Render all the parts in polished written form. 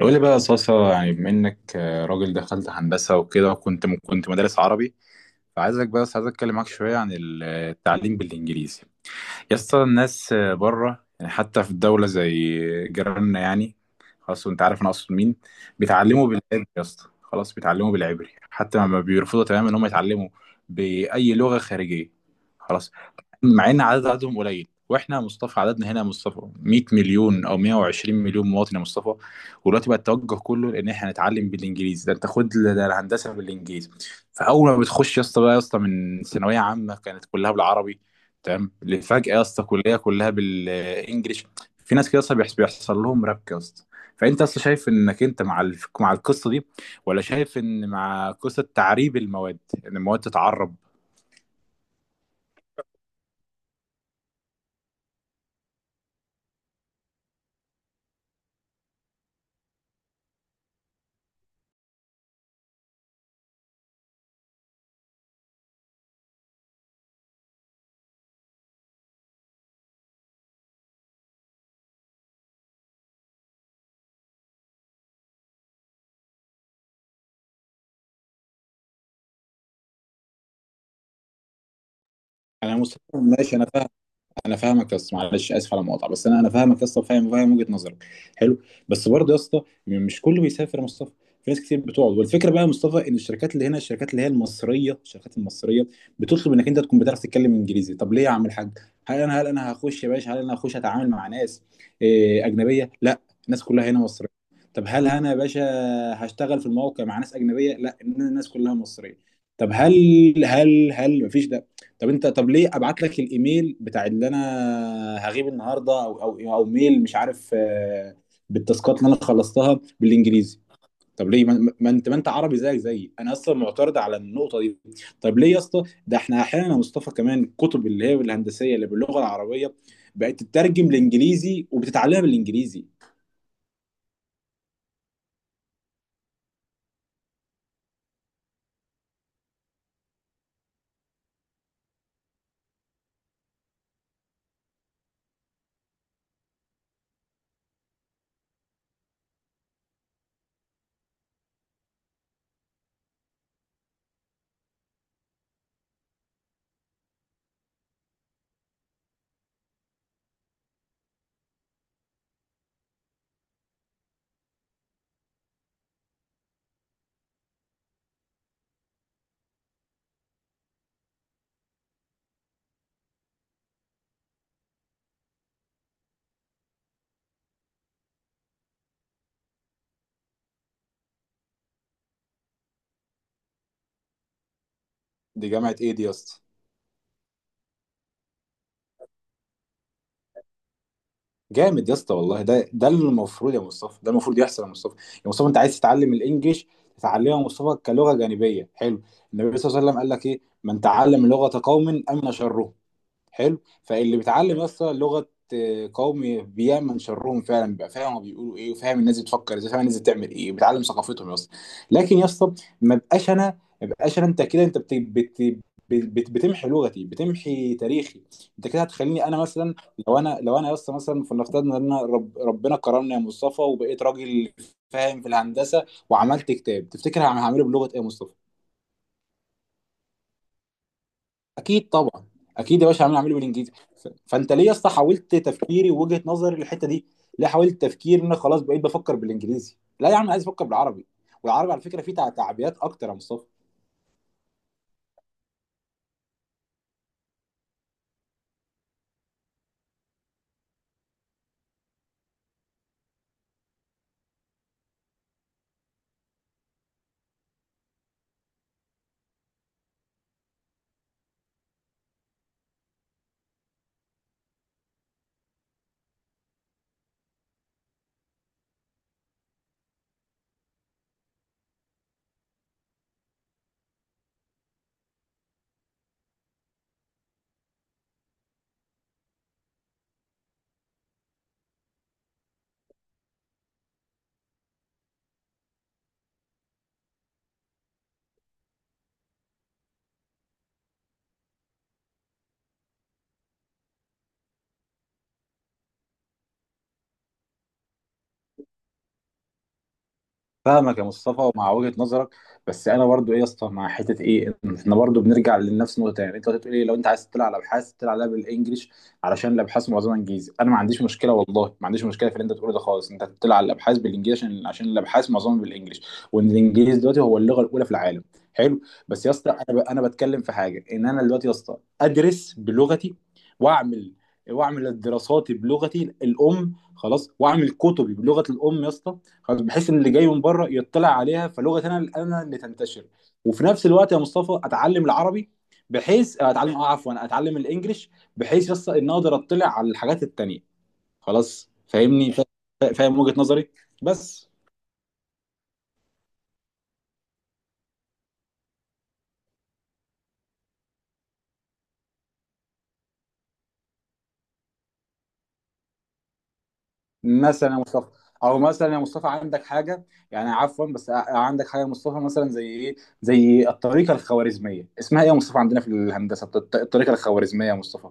قول لي بقى يا صاصة يعني بما انك راجل دخلت هندسة وكده وكنت كنت مدرس عربي. فعايزك، بس عايز اتكلم معاك شوية عن التعليم بالانجليزي يا اسطى. الناس بره، يعني حتى في الدولة زي جيراننا يعني، خلاص وانت عارف انا اقصد مين، بيتعلموا بالعبري يا اسطى. خلاص، بيتعلموا بالعبري، حتى ما بيرفضوا تماما ان هم يتعلموا بأي لغة خارجية. خلاص. مع ان عددهم قليل، واحنا يا مصطفى عددنا هنا يا مصطفى 100 مليون او 120 مليون مواطن يا مصطفى. ودلوقتي بقى التوجه كله لان احنا هنتعلم بالانجليزي. ده انت خد ده الهندسه بالانجليزي. فاول ما بتخش يا اسطى، بقى يا اسطى، من ثانويه عامه كانت كلها بالعربي، تمام، اللي فجأة يا اسطى كلية كلها بالانجلش. في ناس كده يا اسطى بيحصل لهم ربك يا اسطى. فانت اصلا شايف انك انت مع مع القصة دي، ولا شايف ان مع قصة تعريب المواد، ان المواد تتعرب؟ انا مسلم، ماشي، انا فاهم. انا فاهمك يا اسطى، معلش اسف على المقاطعه، بس انا فاهمك يا اسطى، فاهم وجهه نظرك. حلو. بس برضه يا اسطى، مش كله بيسافر يا مصطفى. في ناس كتير بتقعد، والفكره بقى يا مصطفى ان الشركات اللي هنا، الشركات اللي هي المصريه، الشركات المصريه بتطلب انك انت تكون بتعرف تتكلم انجليزي. طب ليه يا عم الحاج؟ هل انا هخش يا باشا، هل انا هخش اتعامل مع ناس اجنبيه؟ لا، الناس كلها هنا مصريه. طب هل انا يا باشا هشتغل في الموقع مع ناس اجنبيه؟ لا، الناس كلها مصريه. طب هل مفيش، طب انت، طب ليه ابعت لك الايميل بتاع اللي انا هغيب النهارده، او ميل مش عارف، بالتاسكات اللي انا خلصتها بالانجليزي؟ طب ليه ما انت عربي زيك زيي؟ انا اصلا معترض على النقطه دي. طب ليه يا اسطى؟ ده احنا احيانا يا مصطفى كمان الكتب اللي هي الهندسيه اللي باللغه العربيه بقت تترجم لانجليزي وبتتعلمها بالانجليزي. دي جامعه ايه دي يا اسطى؟ جامد يا اسطى والله، ده اللي المفروض يا مصطفى، ده المفروض يحصل يا مصطفى. يا مصطفى، انت عايز تتعلم الانجليش، تتعلمه يا مصطفى كلغه جانبيه. حلو. النبي صلى الله عليه وسلم قال لك ايه؟ من تعلم لغه قوم امن شره. حلو. فاللي بيتعلم اصلا لغه قومي، بيعمل شرهم فعلا، بيبقى فاهم هما بيقولوا ايه، وفاهم الناس بتفكر ازاي، فاهم الناس بتعمل ايه، بيتعلم ثقافتهم يا اسطى. لكن يا اسطى، ما بقاش انا، ما بقاش انا، انت كده، انت بتمحي لغتي، بتمحي تاريخي. انت كده هتخليني انا مثلا، لو انا يا اسطى مثلا، فلنفترض ان انا ربنا كرمني يا مصطفى وبقيت راجل فاهم في الهندسه، وعملت كتاب، تفتكر هعمله بلغه ايه يا مصطفى؟ اكيد طبعا، اكيد يا باشا عامل اعمله بالانجليزي. فانت ليه يا اسطى حاولت تفكيري ووجهة نظري للحته دي؟ ليه حاولت تفكير ان أنا خلاص بقيت بفكر بالانجليزي؟ لا يا عم، عايز افكر بالعربي. والعربي على فكره فيه تعبيات اكتر يا مصطفى. فاهمك يا مصطفى ومع وجهة نظرك، بس انا برضو، ايه يا اسطى، مع حته ايه، إن احنا برضو بنرجع لنفس النقطه. يعني انت بتقول ايه؟ لو انت عايز تطلع على ابحاث، تطلع عليها بالانجلش علشان الابحاث معظمها انجليزي. انا ما عنديش مشكله، والله ما عنديش مشكله في اللي انت بتقوله ده خالص. انت تطلع على الابحاث بالانجليزي عشان الابحاث معظمها بالانجلش، وان الانجليزي دلوقتي هو اللغه الاولى في العالم. حلو. بس يا اسطى، انا انا بتكلم في حاجه، ان انا دلوقتي يا اسطى ادرس بلغتي، واعمل واعمل دراساتي بلغتي الام، خلاص، واعمل كتبي بلغه الام يا اسطى. خلاص. بحيث ان اللي جاي من بره يطلع عليها، فلغه انا اللي تنتشر. وفي نفس الوقت يا مصطفى اتعلم العربي، بحيث اتعلم، اه، عفوا، اتعلم الانجليش، بحيث يس ان اقدر اطلع على الحاجات التانيه. خلاص فاهمني، فاهم وجهه نظري. بس مثلا يا مصطفى، او مثلا يا مصطفى عندك حاجه، يعني عفوا، بس عندك حاجه يا مصطفى مثلا زي ايه؟ زي الطريقه الخوارزميه. اسمها ايه يا مصطفى عندنا في الهندسه؟ الطريقه الخوارزميه يا مصطفى،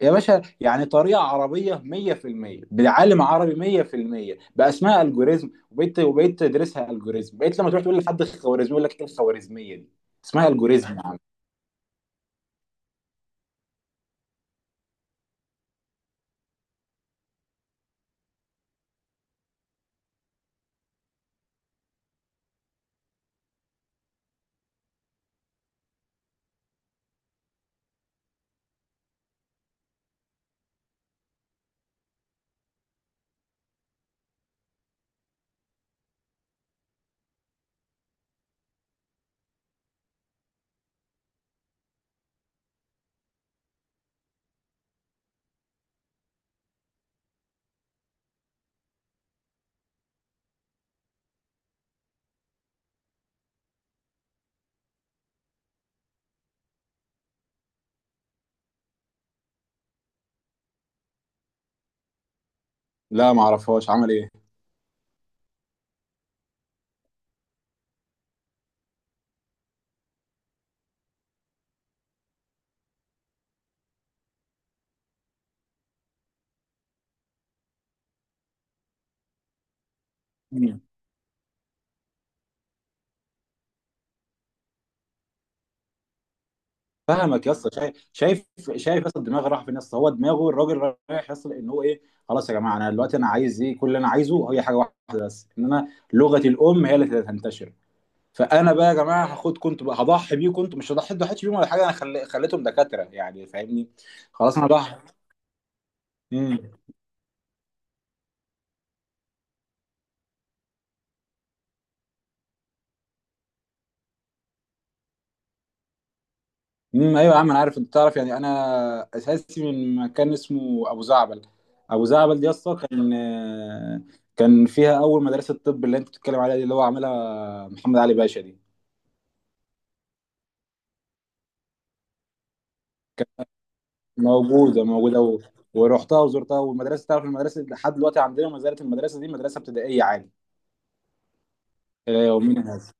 يا باشا، يعني طريقة عربية 100% بعالم عربي 100% بقى اسمها الجوريزم. وبقيت تدرسها الجوريزم، بقيت لما تروح تقول لحد خوارزمي يقول لك ايه الخوارزمية دي. اسمها الجوريزم يا عم. لا، ما اعرفهاش، عمل ايه؟ مم. فاهمك يا اسطى، شايف يا اسطى، الدماغ راح فين يا اسطى؟ هو دماغه الراجل رايح يا اسطى ان هو ايه؟ خلاص يا جماعة، انا دلوقتي انا عايز ايه؟ كل اللي انا عايزه هي حاجة واحدة بس، ان انا لغتي الام هي اللي تنتشر. فانا بقى يا جماعه هاخد، كنت بقى هضحي بيه، كنت مش هضحي، ضحيتش بيهم ولا حاجه، انا خليتهم دكاتره، يعني فاهمني. خلاص انا ضحي. امم. امم، ايوه يا عم انا عارف. انت تعرف يعني انا اساسي من مكان اسمه ابو زعبل. ابو زعبل دي اصلا كان، كان فيها اول مدرسه طب اللي انت بتتكلم عليها دي، اللي هو عاملها محمد علي باشا دي. موجوده ورحتها وزرتها. والمدرسه، تعرف، المدرسه لحد دلوقتي عندنا ما زالت، المدرسه دي مدرسه ابتدائيه عادي الى يومنا هذا.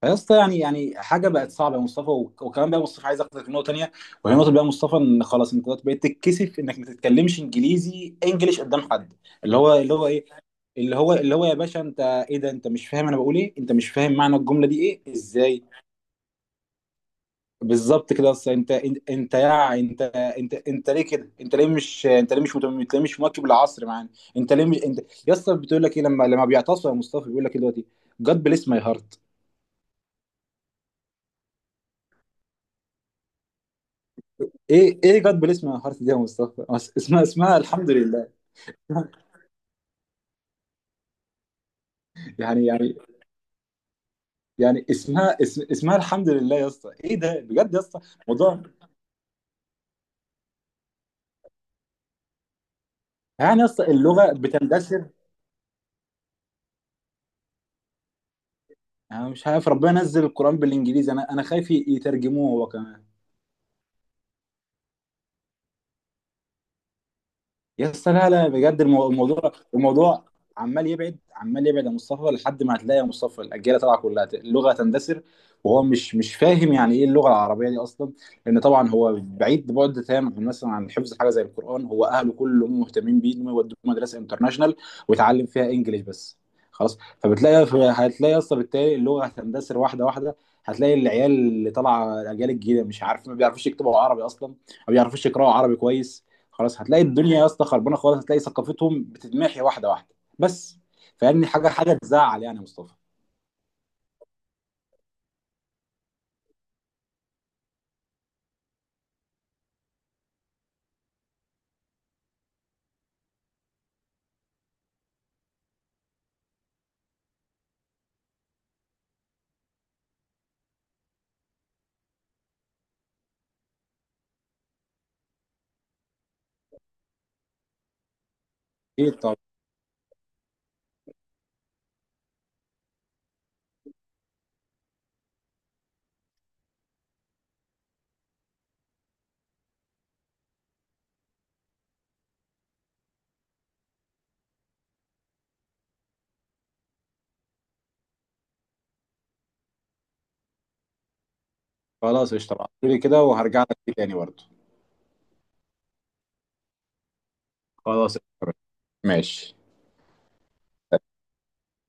فيا اسطى، يعني، حاجه بقت صعبه يا مصطفى. وكمان بقى مصطفى، عايز اخدك نقطه تانيه، وهي نقطه بقى مصطفى، ان خلاص انت دلوقتي بقيت تتكسف انك ما تتكلمش انجليزي، انجليش قدام حد. اللي هو، اللي هو ايه، اللي هو، اللي هو يا باشا، انت ايه ده؟ انت مش فاهم انا بقول ايه؟ انت مش فاهم معنى الجمله دي ايه، ازاي؟ بالظبط كده. اصل انت يا انت، انت ليه كده؟ انت ليه مش، انت ليه مش انت ليه مش مواكب العصر معانا؟ انت ليه مش انت؟ يا اسطى بتقول لك ايه لما بيعتصوا يا مصطفى بيقول لك ايه دلوقتي؟ God bless my heart. ايه جاد بليس من حرف دي يا مصطفى؟ اسمها، اسمها الحمد لله. يعني يعني يعني اسمها، اسم، اسمها الحمد لله يا اسطى. ايه ده بجد يا اسطى؟ موضوع، يعني يا اسطى، اللغه بتندثر. انا مش عارف، ربنا نزل القران بالانجليزي؟ انا خايف يترجموه هو كمان. يا اسطى لا لا، بجد، الموضوع عمال يبعد، عمال يبعد يا مصطفى، لحد ما هتلاقي يا مصطفى الاجيال طالعه كلها، اللغه تندثر، وهو مش فاهم يعني ايه اللغه العربيه دي اصلا، لان طبعا هو بعيد بعد تام عن، مثلا، عن حفظ حاجه زي القران. هو اهله كلهم مهتمين بيه انهم يودوه مدرسه انترناشونال ويتعلم فيها انجليش بس. خلاص فبتلاقي، هتلاقي اصلا بالتالي اللغه هتندثر واحده واحده. هتلاقي العيال اللي طالعه، الاجيال الجديده، مش عارف، ما بيعرفوش يكتبوا عربي اصلا، ما بيعرفوش يقراوا عربي كويس. خلاص هتلاقي الدنيا يا اسطى خربانه خالص، هتلاقي ثقافتهم بتتمحي واحده واحده بس. فيعني حاجه تزعل يعني يا مصطفى. اكيد. طب خلاص قشطه، بعتلي كده وهرجع لك تاني برضه. خلاص قشطة. ماشي.